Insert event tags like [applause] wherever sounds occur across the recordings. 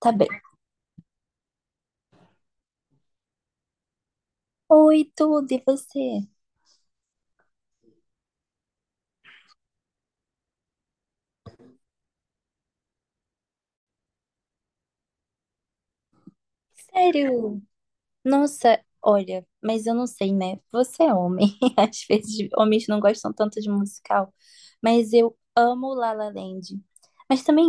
Tá bem. Oi, tudo, e você? Sério? Nossa, olha, mas eu não sei, né? Você é homem. [laughs] Às vezes homens não gostam tanto de musical, mas eu amo La La Land. Mas também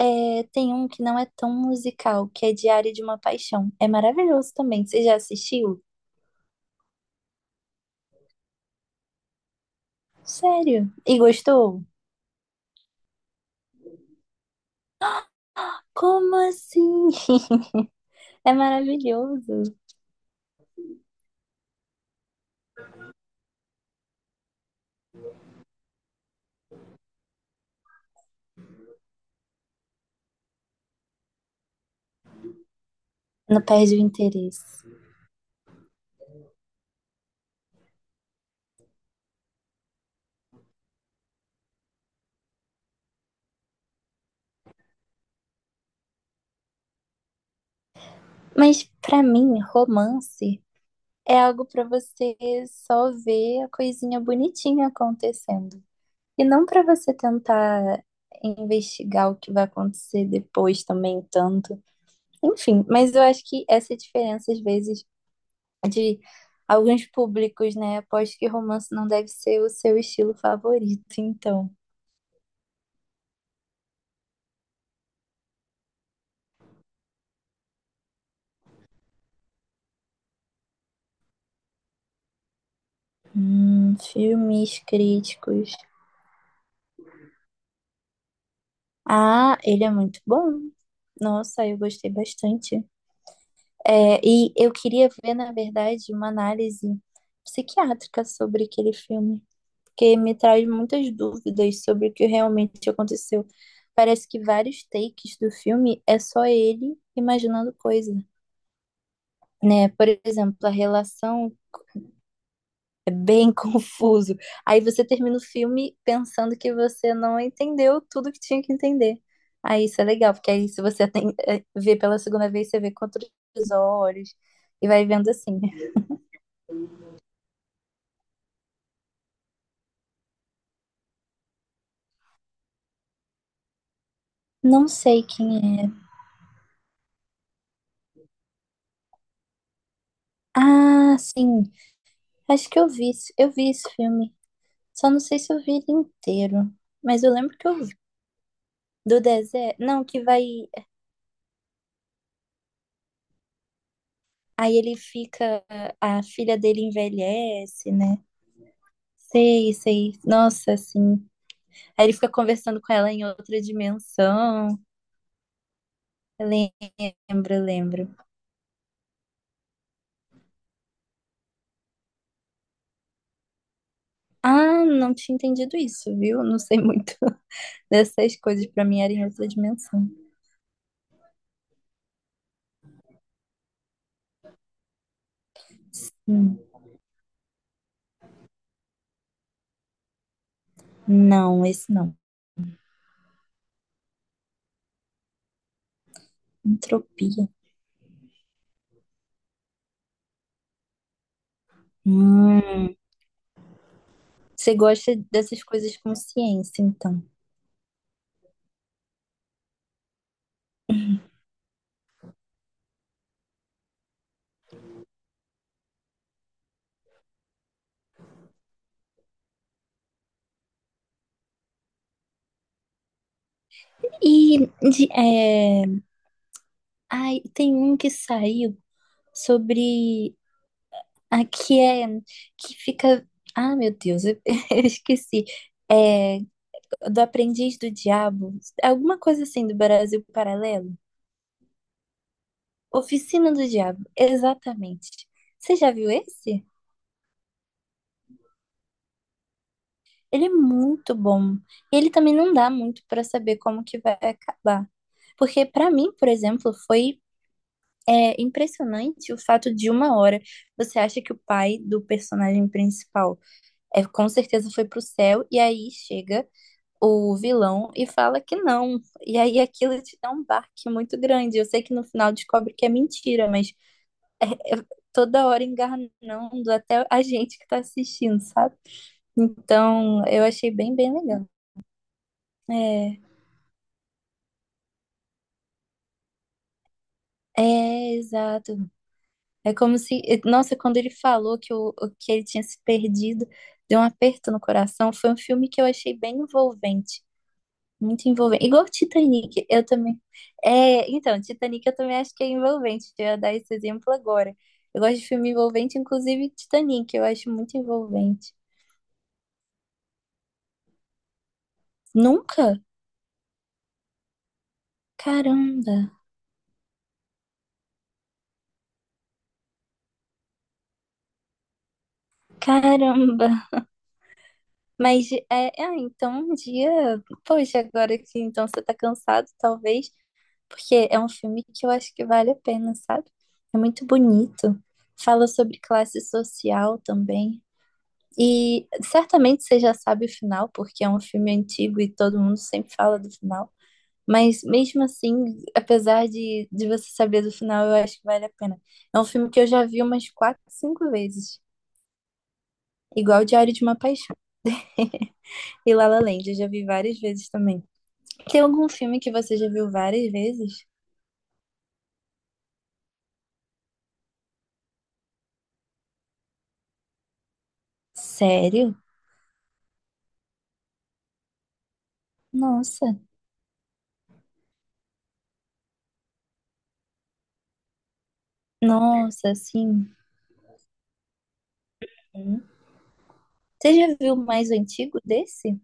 é, tem um que não é tão musical, que é Diário de uma Paixão. É maravilhoso também. Você já assistiu? Sério? E gostou? Como assim? [laughs] É maravilhoso. Não perde o interesse. Mas pra mim, romance é algo para você só ver a coisinha bonitinha acontecendo. E não para você tentar investigar o que vai acontecer depois também tanto. Enfim, mas eu acho que essa diferença às vezes de alguns públicos, né? Aposto que romance não deve ser o seu estilo favorito, então. Filmes críticos. Ah, ele é muito bom. Nossa, eu gostei bastante. É, e eu queria ver, na verdade, uma análise psiquiátrica sobre aquele filme, porque me traz muitas dúvidas sobre o que realmente aconteceu. Parece que vários takes do filme é só ele imaginando coisa, né? Por exemplo, a relação é bem [laughs] confuso. Aí você termina o filme pensando que você não entendeu tudo que tinha que entender. Aí isso é legal, porque aí se você tem, vê pela segunda vez, você vê com outros olhos e vai vendo assim. Não sei quem é. Ah, sim. Acho que eu vi, eu vi esse filme. Só não sei se eu vi ele inteiro. Mas eu lembro que eu vi. Do deserto. Não, que vai. Aí ele fica. A filha dele envelhece, né? Sei, sei. Nossa, assim. Aí ele fica conversando com ela em outra dimensão. Eu lembro, eu lembro. Ah, não tinha entendido isso, viu? Não sei muito [laughs] dessas coisas. Pra mim era em outra dimensão. Hum. Não, esse não. Entropia. Hum, você gosta dessas coisas com ciência, então. E de, é, ai, tem um que saiu sobre a que é que fica. Ah, meu Deus, eu, [laughs] eu esqueci. É, do Aprendiz do Diabo, alguma coisa assim do Brasil Paralelo? Oficina do Diabo, exatamente. Você já viu esse? Ele é muito bom. Ele também não dá muito para saber como que vai acabar. Porque para mim, por exemplo, foi é impressionante o fato de uma hora você acha que o pai do personagem principal é com certeza foi pro céu e aí chega o vilão e fala que não. E aí aquilo te dá um barque muito grande. Eu sei que no final descobre que é mentira, mas é toda hora enganando até a gente que tá assistindo, sabe? Então, eu achei bem, bem legal. É, é exato. É como se, nossa, quando ele falou que, que ele tinha se perdido, deu um aperto no coração. Foi um filme que eu achei bem envolvente, muito envolvente. Igual Titanic, eu também. É, então, Titanic eu também acho que é envolvente. Eu ia dar esse exemplo agora. Eu gosto de filme envolvente, inclusive Titanic, eu acho muito envolvente. Nunca? Caramba, caramba. Mas é, é, então um dia, poxa, agora que então você tá cansado, talvez. Porque é um filme que eu acho que vale a pena, sabe? É muito bonito. Fala sobre classe social também. E certamente você já sabe o final, porque é um filme antigo e todo mundo sempre fala do final. Mas mesmo assim, apesar de você saber do final, eu acho que vale a pena. É um filme que eu já vi umas quatro, cinco vezes. Igual Diário de uma Paixão. E La La Land, eu já vi várias vezes também. Tem algum filme que você já viu várias vezes? Sério? Nossa, nossa, assim, hum. Você já viu mais antigo desse?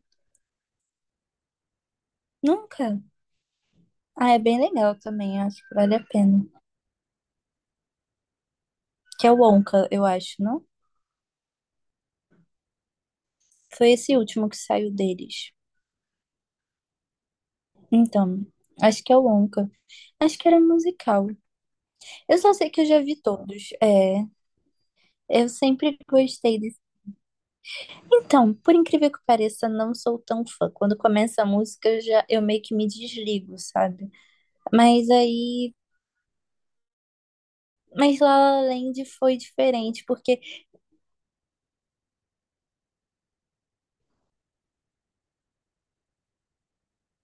Nunca. Ah, é bem legal também, acho que vale a pena. Que é o Onca, eu acho, não? Foi esse último que saiu deles. Então, acho que é o Onca. Acho que era musical. Eu só sei que eu já vi todos. É, eu sempre gostei desse. Então, por incrível que pareça, não sou tão fã. Quando começa a música, eu meio que me desligo, sabe? Mas aí, mas La La Land foi diferente, porque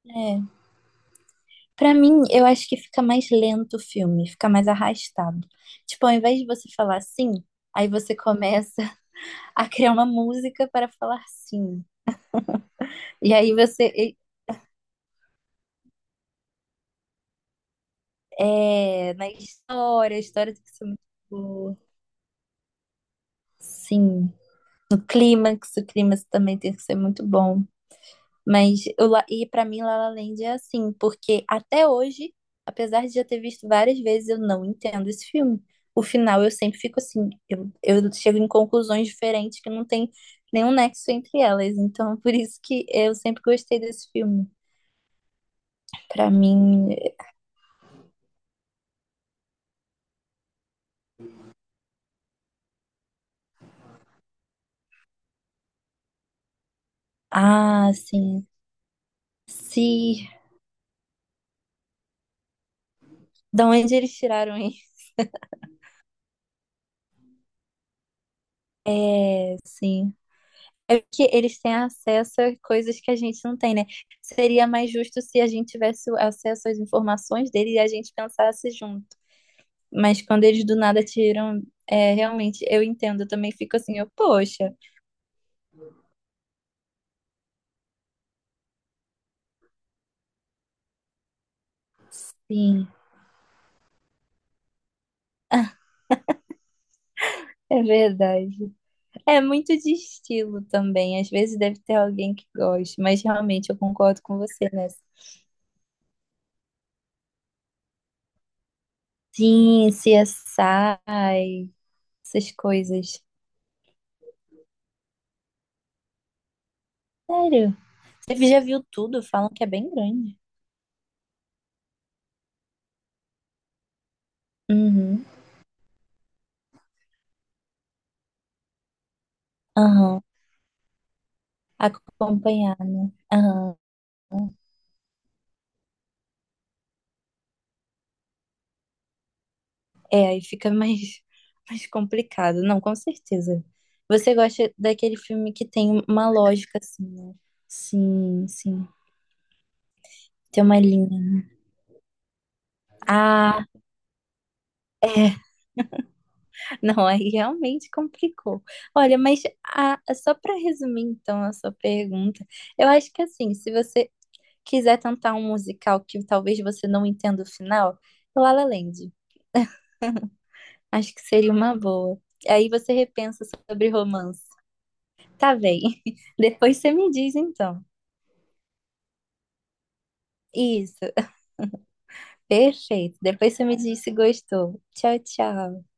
é, pra mim, eu acho que fica mais lento o filme, fica mais arrastado. Tipo, ao invés de você falar sim, aí você começa [laughs] a criar uma música para falar sim. E aí você, é, é, na história, a história tem que ser muito boa. Sim. No clímax, o clímax também tem que ser muito bom. Mas eu, e pra mim La La Land é assim, porque até hoje, apesar de já ter visto várias vezes, eu não entendo esse filme. O final eu sempre fico assim, eu chego em conclusões diferentes que não tem nenhum nexo entre elas. Então, [laughs] por isso que eu sempre gostei desse filme. Pra mim, ah, assim, se da onde eles tiraram isso? É, sim. É que eles têm acesso a coisas que a gente não tem, né? Seria mais justo se a gente tivesse o acesso às informações dele e a gente pensasse junto. Mas quando eles do nada tiram, é, realmente, eu entendo, eu também fico assim, eu, poxa, sim, é verdade. É muito de estilo também, às vezes deve ter alguém que goste, mas realmente eu concordo com você nessa. Sim, CSI, essas coisas. Sério, você já viu tudo, falam que é bem grande. Uhum. Aham. Acompanhando. Aham. É, aí fica mais, [laughs] mais complicado. Não, com certeza. Você gosta daquele filme que tem uma lógica, assim, né? Sim, sim. Tem uma linha. Ah, é. [laughs] Não, aí realmente complicou. Olha, só para resumir, então, a sua pergunta, eu acho que, assim, se você quiser tentar um musical que talvez você não entenda o final, La La Land. Acho que seria uma boa. Aí você repensa sobre romance. Tá bem. [laughs] Depois você me diz então. Isso, perfeito. Depois você me diz se gostou. Tchau, tchau.